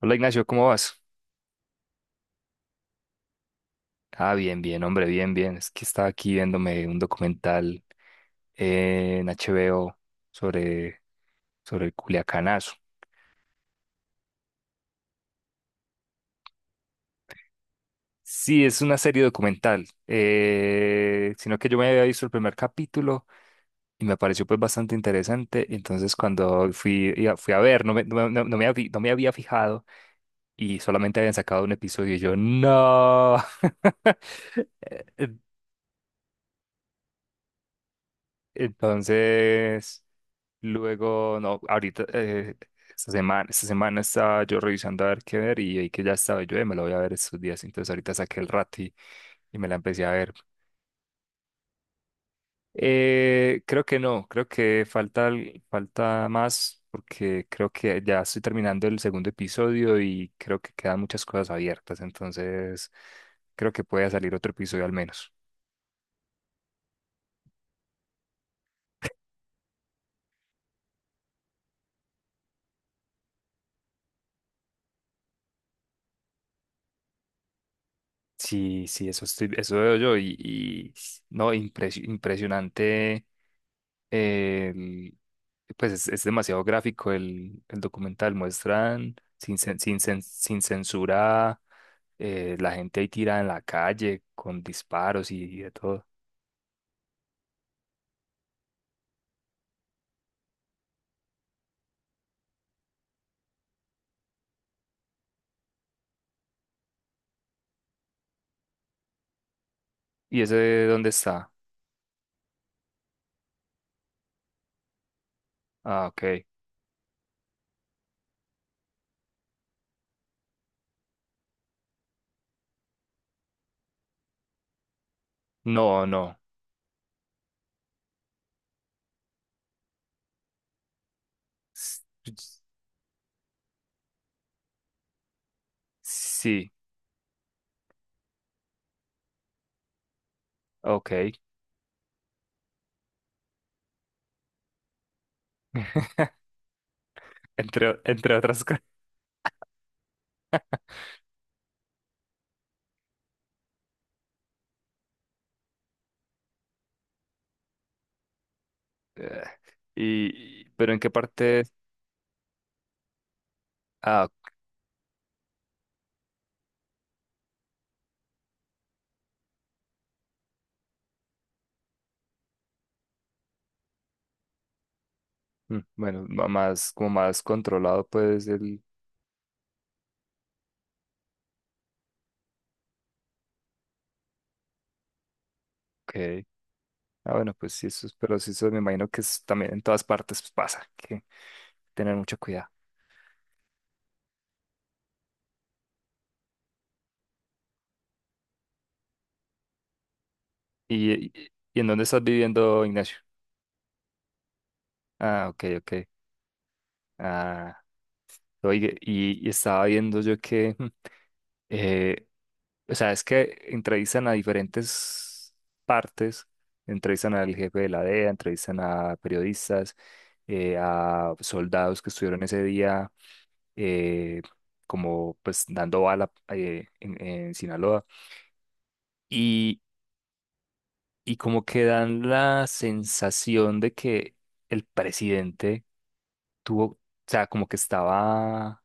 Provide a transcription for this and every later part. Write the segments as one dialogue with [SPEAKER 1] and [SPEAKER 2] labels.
[SPEAKER 1] Hola Ignacio, ¿cómo vas? Bien, bien, hombre, bien, bien. Es que estaba aquí viéndome un documental en HBO sobre, sobre el Culiacanazo. Sí, es una serie documental, sino que yo me había visto el primer capítulo y me pareció pues bastante interesante. Entonces cuando fui, fui a ver, no me, no, no- no me habí- no me había fijado y solamente habían sacado un episodio y yo, no. En- Entonces... Luego, no, ahorita, esta semana estaba yo revisando a ver qué ver y vi que ya estaba yo, me lo voy a ver estos días". Entonces ahorita saqué el rato y me la empecé a ver. Creo que no, creo que falta más porque creo que ya estoy terminando el segundo episodio y creo que quedan muchas cosas abiertas. Entonces creo que puede salir otro episodio al menos. Sí, sí, eso veo yo y no, impresionante el- pues es demasiado gráfico el documental, muestran sin censura, la gente ahí tirada en la calle con disparos y de todo. ¿Y ese dónde está? Ah, ok. No, no. S- Sí, ok. Entre otras cosas. Y, pero ¿en qué parte? Ah, ok. Mm, bueno, más, como más controlado, pues el... Ok. Bueno, pues sí, pero sí, eso me imagino que es- también en todas partes pues, pasa, que tener mucho cuidado. ¿Y, y, ¿Y en dónde estás viviendo, Ignacio? Ah, ok, ok. Ah, y estaba viendo yo que, eh, o sea, es que entrevistan a diferentes partes, entrevistan al jefe de la DEA, entrevistan a periodistas, a soldados que estuvieron ese día, eh, como pues dando bala en en Sinaloa. Y como que dan la sensación de que el presidente tuvo, o sea, como que estaba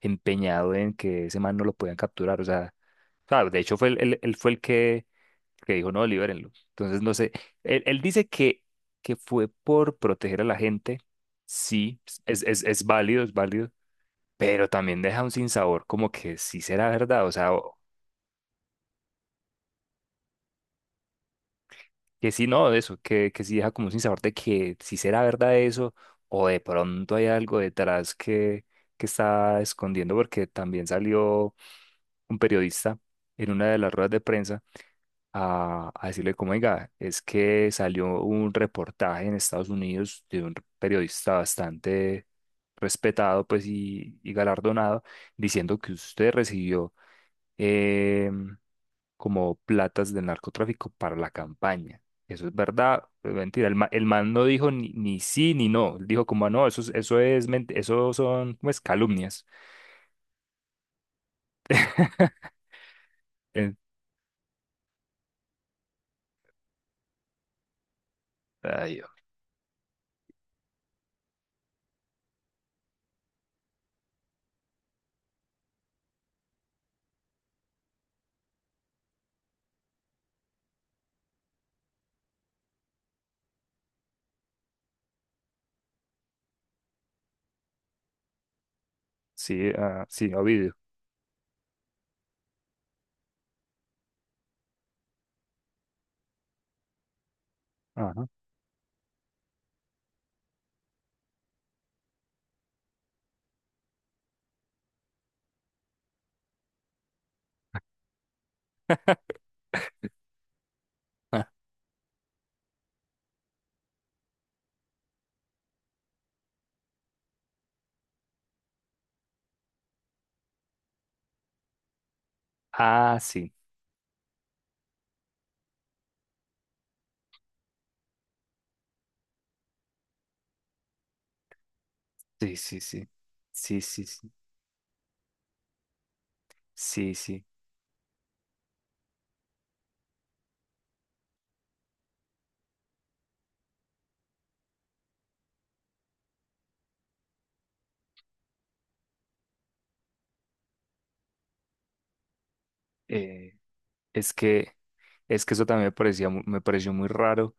[SPEAKER 1] empeñado en que ese man no lo podían capturar, o sea, claro, de hecho fue él, fue que dijo, no, libérenlo. Entonces, no sé, él dice que fue por proteger a la gente, sí, es válido, pero también deja un sinsabor como que sí será verdad, o sea. Que sí, no, de eso, que sí deja como sin sabor de que si será verdad eso o de pronto hay algo detrás que está escondiendo, porque también salió un periodista en una de las ruedas de prensa a decirle como, oiga, es que salió un reportaje en Estados Unidos de un periodista bastante respetado pues y galardonado diciendo que usted recibió em, como platas del narcotráfico para la campaña. Eso es verdad, es mentira. El man no dijo ni, ni sí ni no. Él dijo como, "Ah, no, eso es, eso son, pues, calumnias". En- Ay, oh, sí, ah, sí, Ovidio. Ajá. Ah, ah, sí, sí, sí, sí, sí, sí, sí, sí, sí. Eh, es que, es que eso también me parecía, me pareció muy raro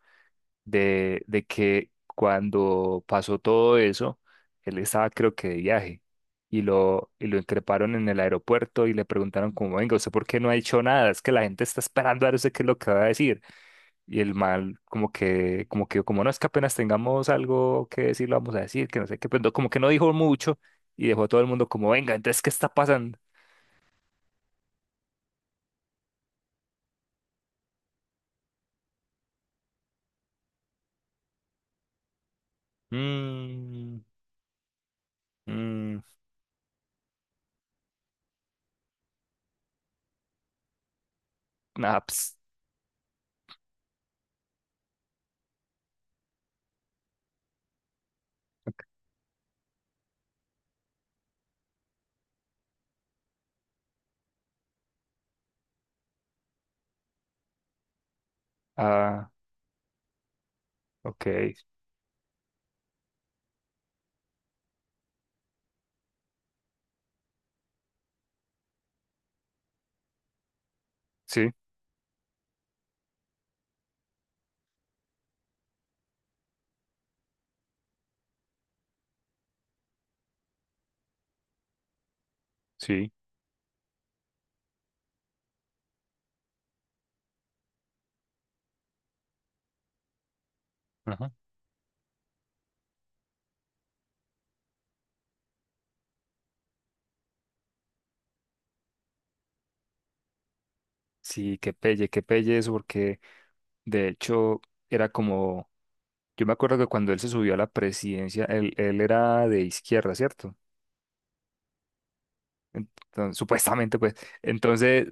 [SPEAKER 1] de que cuando pasó todo eso, él estaba creo que de viaje y lo increparon en el aeropuerto y le preguntaron como, venga, ¿usted por qué no ha dicho nada? Es que la gente está esperando a ver usted qué es lo que va a decir. Y el mal como que, como que, como no es que apenas tengamos algo que decir, lo vamos a decir, que no sé qué, como que no dijo mucho y dejó a todo el mundo como, venga, entonces, ¿qué está pasando? Mmm, mmm, ah, ps, ah, ok, sí, sí. Ajá. Sí, que pelle eso, porque de hecho era como, yo me acuerdo que cuando él se subió a la presidencia, él era de izquierda, ¿cierto? Entonces, supuestamente, pues, entonces,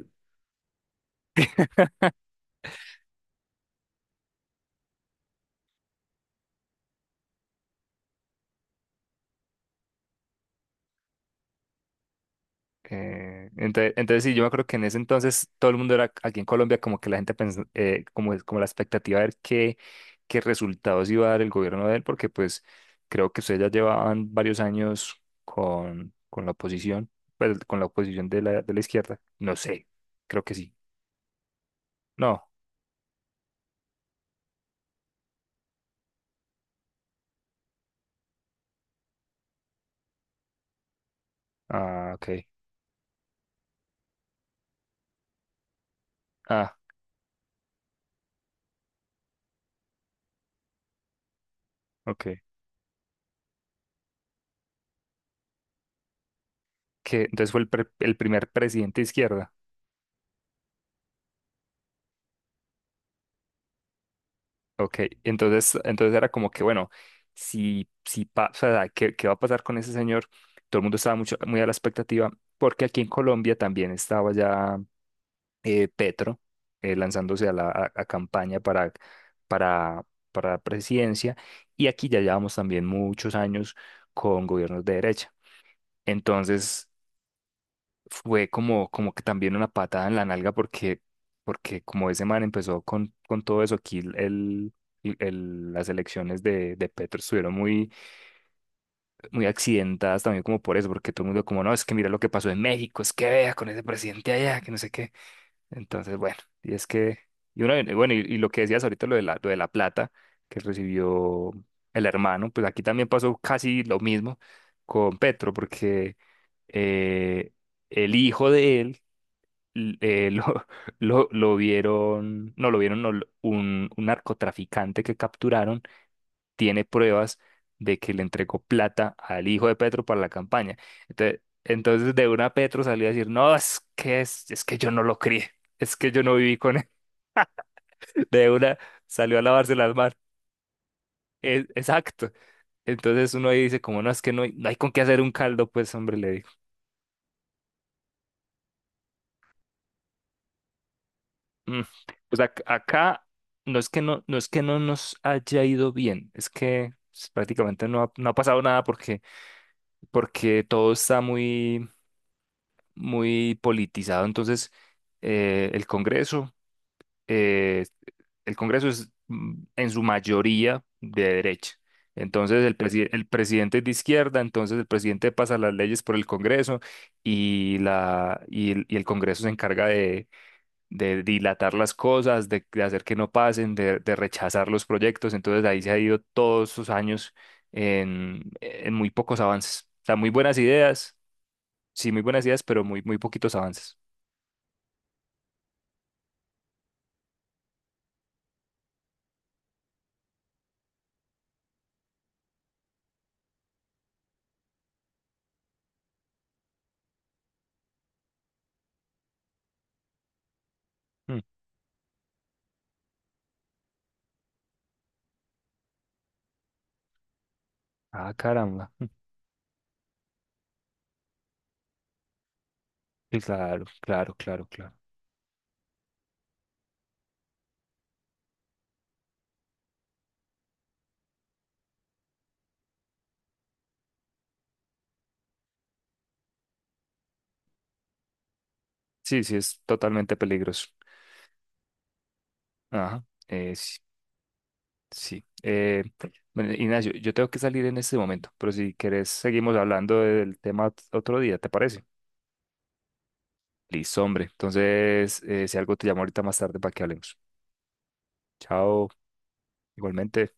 [SPEAKER 1] entonces, entonces sí, yo me acuerdo que en ese entonces todo el mundo era aquí en Colombia como que la gente pensó, como la expectativa de qué resultados iba a dar el gobierno de él, porque pues creo que ustedes ya llevaban varios años con la oposición, pues, con la oposición de la izquierda, no sé, creo que sí. No. Ah, ok. Ah, ok. Que entonces fue el primer presidente de izquierda. Ok. Entonces, entonces era como que, bueno, si pasa, ¿qué va a pasar con ese señor? Todo el mundo estaba mucho, muy a la expectativa, porque aquí en Colombia también estaba ya Petro lanzándose a campaña para, para la presidencia, y aquí ya llevamos también muchos años con gobiernos de derecha. Entonces, fue como, como que también una patada en la nalga porque, porque como ese man empezó con todo eso, aquí las elecciones de Petro estuvieron muy, muy accidentadas también como por eso, porque todo el mundo como, no, es que mira lo que pasó en México, es que vea con ese presidente allá, que no sé qué. Entonces, bueno, y es que, y bueno, y lo que decías ahorita, lo de la plata que recibió el hermano, pues aquí también pasó casi lo mismo con Petro, porque... eh, el hijo de él l- eh, lo, lo vieron, no lo vieron, no, lo- un narcotraficante que capturaron tiene pruebas de que le entregó plata al hijo de Petro para la campaña. Entonces, entonces de una Petro salió a decir, no, es que yo no lo crié, es que yo no viví con él. De una salió a lavarse las manos. Exacto. Entonces uno ahí dice, como no, es que no hay, no hay con qué hacer un caldo, pues hombre, le Mm, pues acá no es que no, no es que no nos haya ido bien, es que pues, prácticamente no ha, no ha pasado nada porque, porque todo está muy, muy politizado. Entonces, eh, el Congreso, eh, el Congreso es mm, en su mayoría de derecha. Entonces el presidente es de izquierda, entonces el presidente pasa las leyes por el Congreso y el y el Congreso se encarga de dilatar las cosas, de hacer que no pasen, de rechazar los proyectos. Entonces ahí se ha ido todos sus años en muy pocos avances. O sea, muy buenas ideas, sí, muy buenas ideas, pero muy, muy poquitos avances. Mm. Ah, caramba. Mm. Claro, claro, claro, claro. Sí, sí, es totalmente peligroso. Ajá, sí, sí. Bueno, Ignacio, yo tengo que salir en este momento, pero si querés seguimos hablando del tema otro día, ¿te parece? Listo, hombre. Entonces, si algo te llamo ahorita más tarde para que hablemos. Chao, igualmente.